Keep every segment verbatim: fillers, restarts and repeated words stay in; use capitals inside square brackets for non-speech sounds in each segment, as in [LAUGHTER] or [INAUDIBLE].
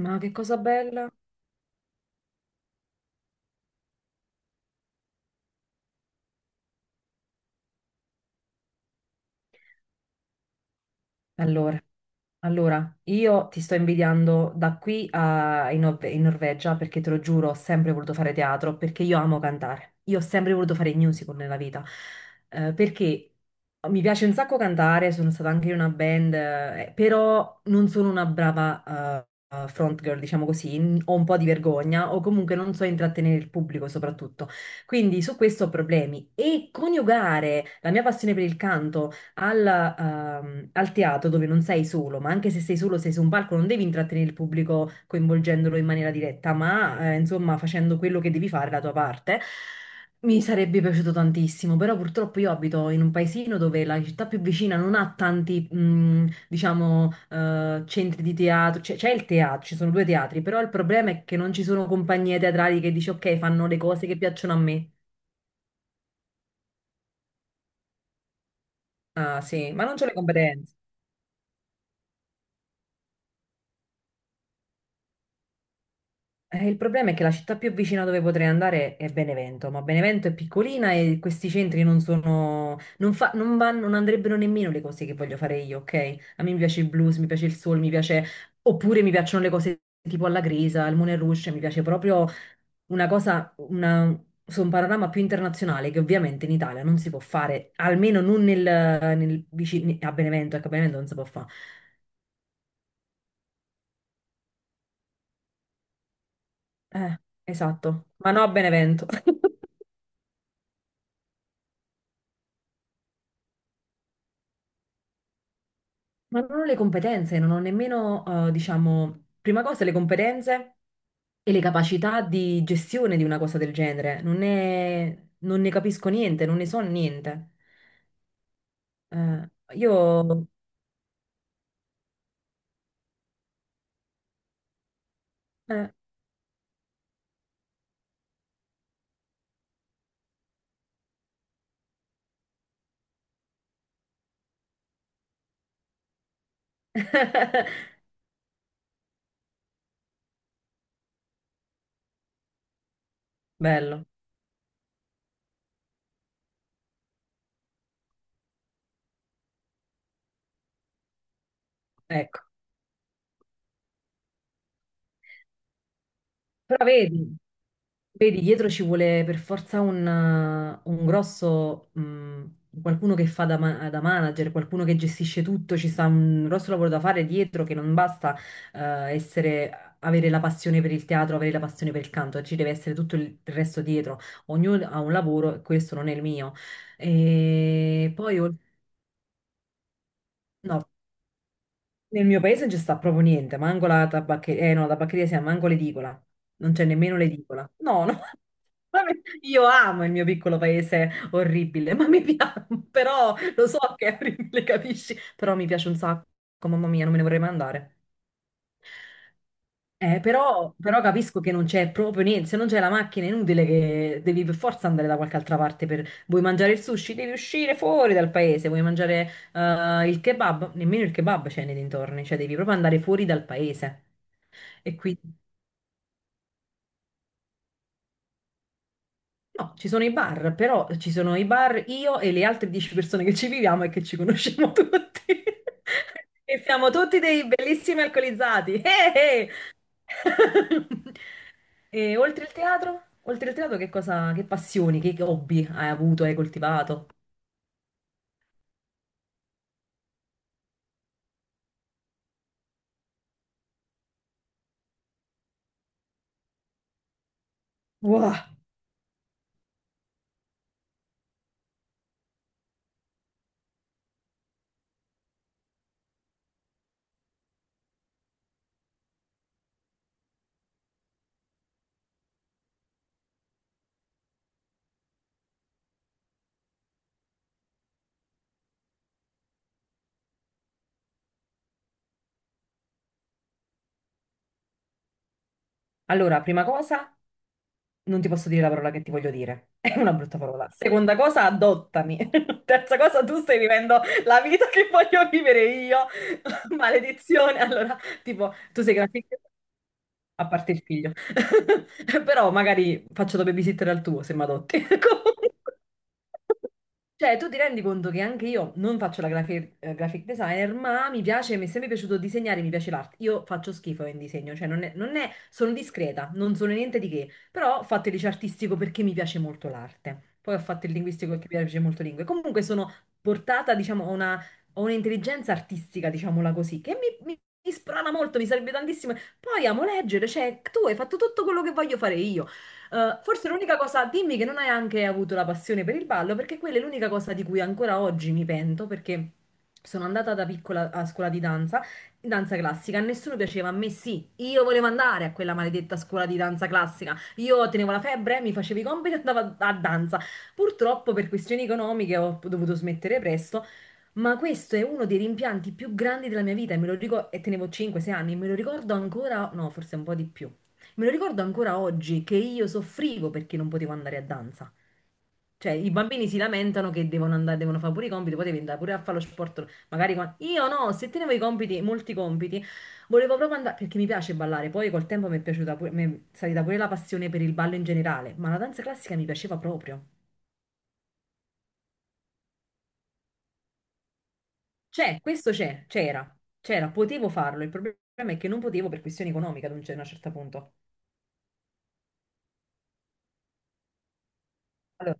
Ma che cosa bella. Allora, allora, io ti sto invidiando da qui a, in, Nor- in Norvegia perché te lo giuro, ho sempre voluto fare teatro perché io amo cantare. Io ho sempre voluto fare il musical nella vita eh, perché mi piace un sacco cantare, sono stata anche in una band, eh, però non sono una brava eh, eh, front girl, diciamo così, n- ho un po' di vergogna o comunque non so intrattenere il pubblico soprattutto. Quindi su questo ho problemi e coniugare la mia passione per il canto alla, ehm, al teatro dove non sei solo, ma anche se sei solo, sei su un palco, non devi intrattenere il pubblico coinvolgendolo in maniera diretta, ma eh, insomma facendo quello che devi fare, la tua parte. Mi sarebbe piaciuto tantissimo, però purtroppo io abito in un paesino dove la città più vicina non ha tanti, mh, diciamo, eh, centri di teatro, c'è c'è il teatro, ci sono due teatri, però il problema è che non ci sono compagnie teatrali che dici ok, fanno le cose che piacciono a me. Ah sì, ma non c'ho le competenze. Eh, il problema è che la città più vicina dove potrei andare è Benevento, ma Benevento è piccolina e questi centri non sono, non fa- non vanno, non andrebbero nemmeno le cose che voglio fare io, ok? A me mi piace il blues, mi piace il soul, mi piace, oppure mi piacciono le cose tipo alla Grisa, al Moulin Rouge, mi piace proprio una cosa, una, su un panorama più internazionale che ovviamente in Italia non si può fare, almeno non nel, nel vicino, a Benevento, ecco, a Benevento non si può fare. Eh, esatto, ma no a Benevento. [LAUGHS] Ma non ho le competenze, non ho nemmeno, eh, diciamo, prima cosa le competenze e le capacità di gestione di una cosa del genere. Non ne, non ne capisco niente, non ne so niente. Eh, io... eh, [LAUGHS] Bello, ecco. Però vedi, Vedi, dietro ci vuole per forza un, eh, un grosso, mh, qualcuno che fa da, ma- da manager, qualcuno che gestisce tutto, ci sta un grosso lavoro da fare dietro che non basta, eh, essere, avere la passione per il teatro, avere la passione per il canto, ci deve essere tutto il il resto dietro. Ognuno ha un lavoro e questo non è il mio. E poi, ol- no, nel mio paese non ci sta proprio niente, manco la tabaccheria, eh no, la tabaccheria sì, manco l'edicola, non c'è nemmeno l'edicola. No, no, [LAUGHS] vabbè, io amo il mio piccolo paese orribile, ma mi piace, [LAUGHS] però lo so che è orribile, capisci? Però mi piace un sacco, mamma mia, non me ne vorrei mai andare. Eh, però, però capisco che non c'è proprio niente, se non c'è la macchina è inutile che devi per forza andare da qualche altra parte per... Vuoi mangiare il sushi? Devi uscire fuori dal paese, vuoi mangiare eh, il kebab? Nemmeno il kebab c'è nei dintorni, cioè devi proprio andare fuori dal paese. E quindi... No, ci sono i bar, però ci sono i bar io e le altre dieci persone che ci viviamo e che ci conosciamo tutti. [LAUGHS] E siamo tutti dei bellissimi alcolizzati. Eh, eh. [LAUGHS] E oltre il teatro? Oltre il teatro che cosa, che passioni, che hobby hai avuto, hai coltivato? Wow. Allora, prima cosa, non ti posso dire la parola che ti voglio dire. [LAUGHS] È una brutta parola. Seconda cosa, adottami. [LAUGHS] Terza cosa, tu stai vivendo la vita che voglio vivere io. [LAUGHS] Maledizione. Allora, tipo, tu sei grafica, a parte il figlio. [LAUGHS] Però magari faccio da babysitter al tuo se mi adotti. [LAUGHS] Comunque. Cioè, tu ti rendi conto che anche io non faccio la grafi- eh, graphic designer, ma mi piace, mi è sempre piaciuto disegnare, mi piace l'arte. Io faccio schifo in disegno, cioè non è, non è- sono discreta, non sono niente di che, però ho fatto il liceo artistico perché mi piace molto l'arte. Poi ho fatto il linguistico perché mi piace molto lingue. Comunque sono portata, diciamo, a una, a un'intelligenza artistica, diciamola così, che mi, mi, mi sprona molto, mi serve tantissimo. Poi amo leggere, cioè tu hai fatto tutto quello che voglio fare io. Eh, forse l'unica cosa, dimmi che non hai anche avuto la passione per il ballo, perché quella è l'unica cosa di cui ancora oggi mi pento, perché sono andata da piccola a scuola di danza, in danza classica, a nessuno piaceva, a me sì, io volevo andare a quella maledetta scuola di danza classica, io tenevo la febbre, mi facevo i compiti e andavo a, a danza. Purtroppo per questioni economiche ho dovuto smettere presto, ma questo è uno dei rimpianti più grandi della mia vita e me lo ricordo, e tenevo cinque sei anni, me lo ricordo ancora, no, forse un po' di più. Me lo ricordo ancora oggi che io soffrivo perché non potevo andare a danza. Cioè, i bambini si lamentano che devono andare, devono fare pure i compiti, potevi andare pure a fare lo sport. Magari qua- Io no, se tenevo i compiti, molti compiti, volevo proprio andare, perché mi piace ballare. Poi col tempo mi è piaciuta pure, mi è salita pure la passione per il ballo in generale, ma la danza classica mi piaceva proprio. C'è, questo c'è, c'era, c'era, potevo farlo, il problema è che non potevo per questione economica ad un- a un certo punto. Allora,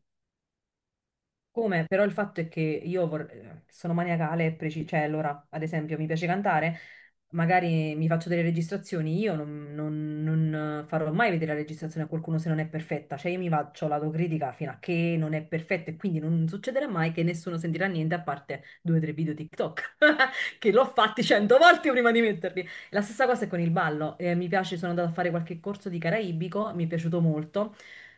come? Però il fatto è che io vor- sono maniacale e preci- cioè allora, ad esempio, mi piace cantare, magari mi faccio delle registrazioni, io non, non- non farò mai vedere la registrazione a qualcuno se non è perfetta, cioè io mi faccio l'autocritica fino a che non è perfetta e quindi non succederà mai che nessuno sentirà niente a parte due o tre video TikTok, [LAUGHS] che l'ho fatti cento volte prima di metterli. La stessa cosa è con il ballo, eh, mi piace, sono andata a fare qualche corso di caraibico, mi è piaciuto molto.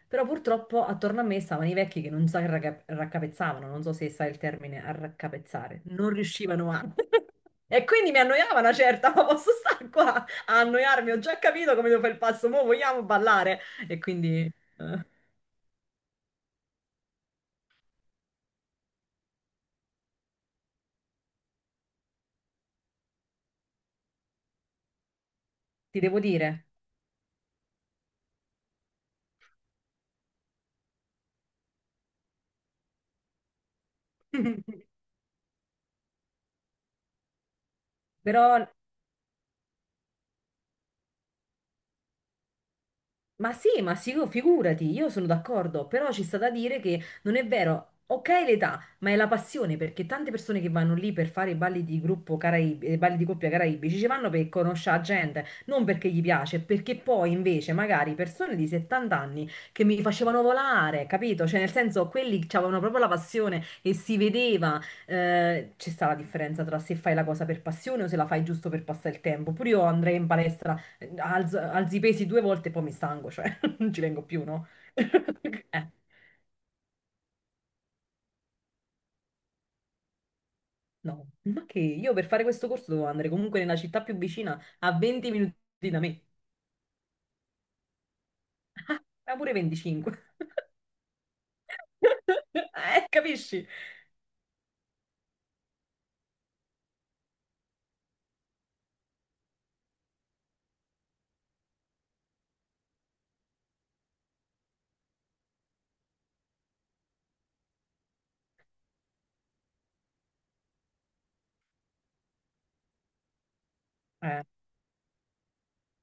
Però purtroppo attorno a me stavano i vecchi che non si arraga- raccapezzavano, non so se sai il termine arraccapezzare, non riuscivano a... [LAUGHS] E quindi mi annoiava una certa, ma posso stare qua a annoiarmi, ho già capito come devo fare il passo, mo vogliamo ballare. E quindi eh, ti devo dire. [LAUGHS] Però Ma sì, ma sì, figurati, io sono d'accordo, però ci sta da dire che non è vero, ok l'età, ma è la passione, perché tante persone che vanno lì per fare i balli di gruppo caraibi, eh, balli di coppia caraibici, ci vanno per conoscere gente, non perché gli piace, perché poi invece magari persone di settanta anni che mi facevano volare, capito? Cioè nel senso, quelli avevano proprio la passione e si vedeva, eh, c'è sta la differenza tra se fai la cosa per passione o se la fai giusto per passare il tempo. Pure io andrei in palestra, alzo- alzi i pesi due volte e poi mi stanco, cioè [LAUGHS] non ci vengo più, no? [LAUGHS] Eh, no, ma che io per fare questo corso dovevo andare comunque nella città più vicina a venti minuti da me, ah, ma pure venticinque. [LAUGHS] Eh, capisci? Eh,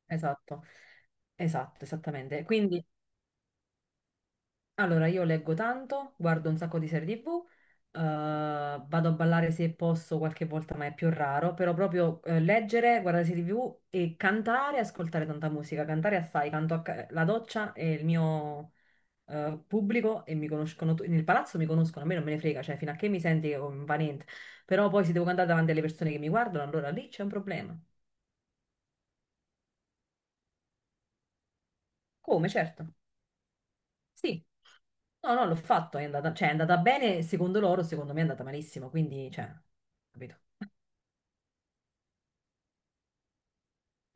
esatto, esatto, esattamente. Quindi, allora, io leggo tanto, guardo un sacco di serie tivù, eh, vado a ballare se posso qualche volta, ma è più raro, però proprio eh, leggere, guardare serie tivù e cantare, ascoltare tanta musica. Cantare assai, canto a ca- la doccia e il mio eh, pubblico e mi conoscono, tu- nel palazzo mi conoscono, a me non me ne frega, cioè fino a che mi senti che va niente. Però poi se devo cantare davanti alle persone che mi guardano, allora lì c'è un problema. Come, certo. Sì, no, no, l'ho fatto, è andata, cioè, è andata bene secondo loro, secondo me è andata malissimo, quindi, cioè, capito.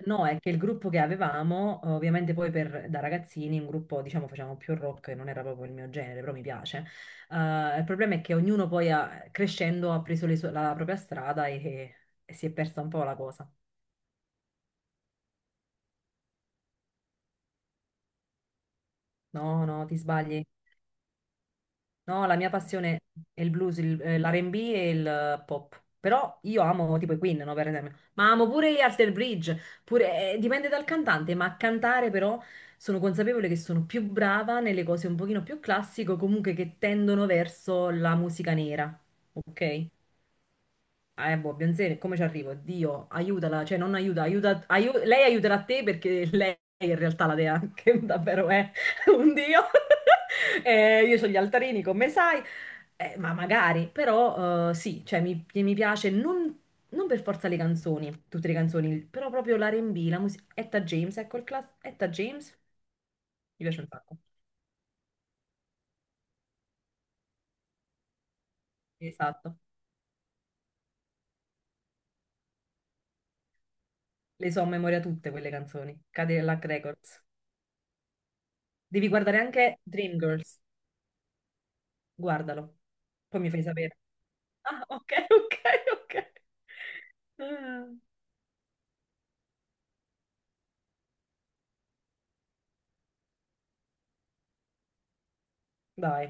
No, è che il gruppo che avevamo, ovviamente poi per, da ragazzini, un gruppo, diciamo, facevamo più rock, non era proprio il mio genere, però mi piace. Eh, il problema è che ognuno poi, ha- crescendo, ha preso le sue- la propria strada e, e si è persa un po' la cosa. No, no, ti sbagli. No, la mia passione è il blues, il- eh, l'erre e bi e il eh, pop. Però io amo tipo i Queen, no, per esempio. Ma amo pure gli Alter Bridge. Pure, eh, eh, dipende dal cantante, ma a cantare però sono consapevole che sono più brava nelle cose un pochino più classiche, o comunque che tendono verso la musica nera. Ok? Ah, Eh, boh, Beyoncé, come ci arrivo? Dio, aiutala, cioè non aiuta, aiuta, aiu- lei aiuterà te perché lei in realtà la dea, [LAUGHS] che davvero è un dio. [LAUGHS] Eh, io ho gli altarini, come sai. Eh, ma magari, però eh, sì, cioè mi, mi piace, non, non per forza le canzoni, tutte le canzoni, però proprio l'ar en bi, la musica, Etta James, ecco il class, Etta James, mi piace un sacco, esatto, le so a memoria tutte quelle canzoni, Cadillac Records. Devi guardare anche Dreamgirls. Guardalo, poi mi fai sapere. Ah, ok, [LAUGHS] ok, ok. Ah, dai.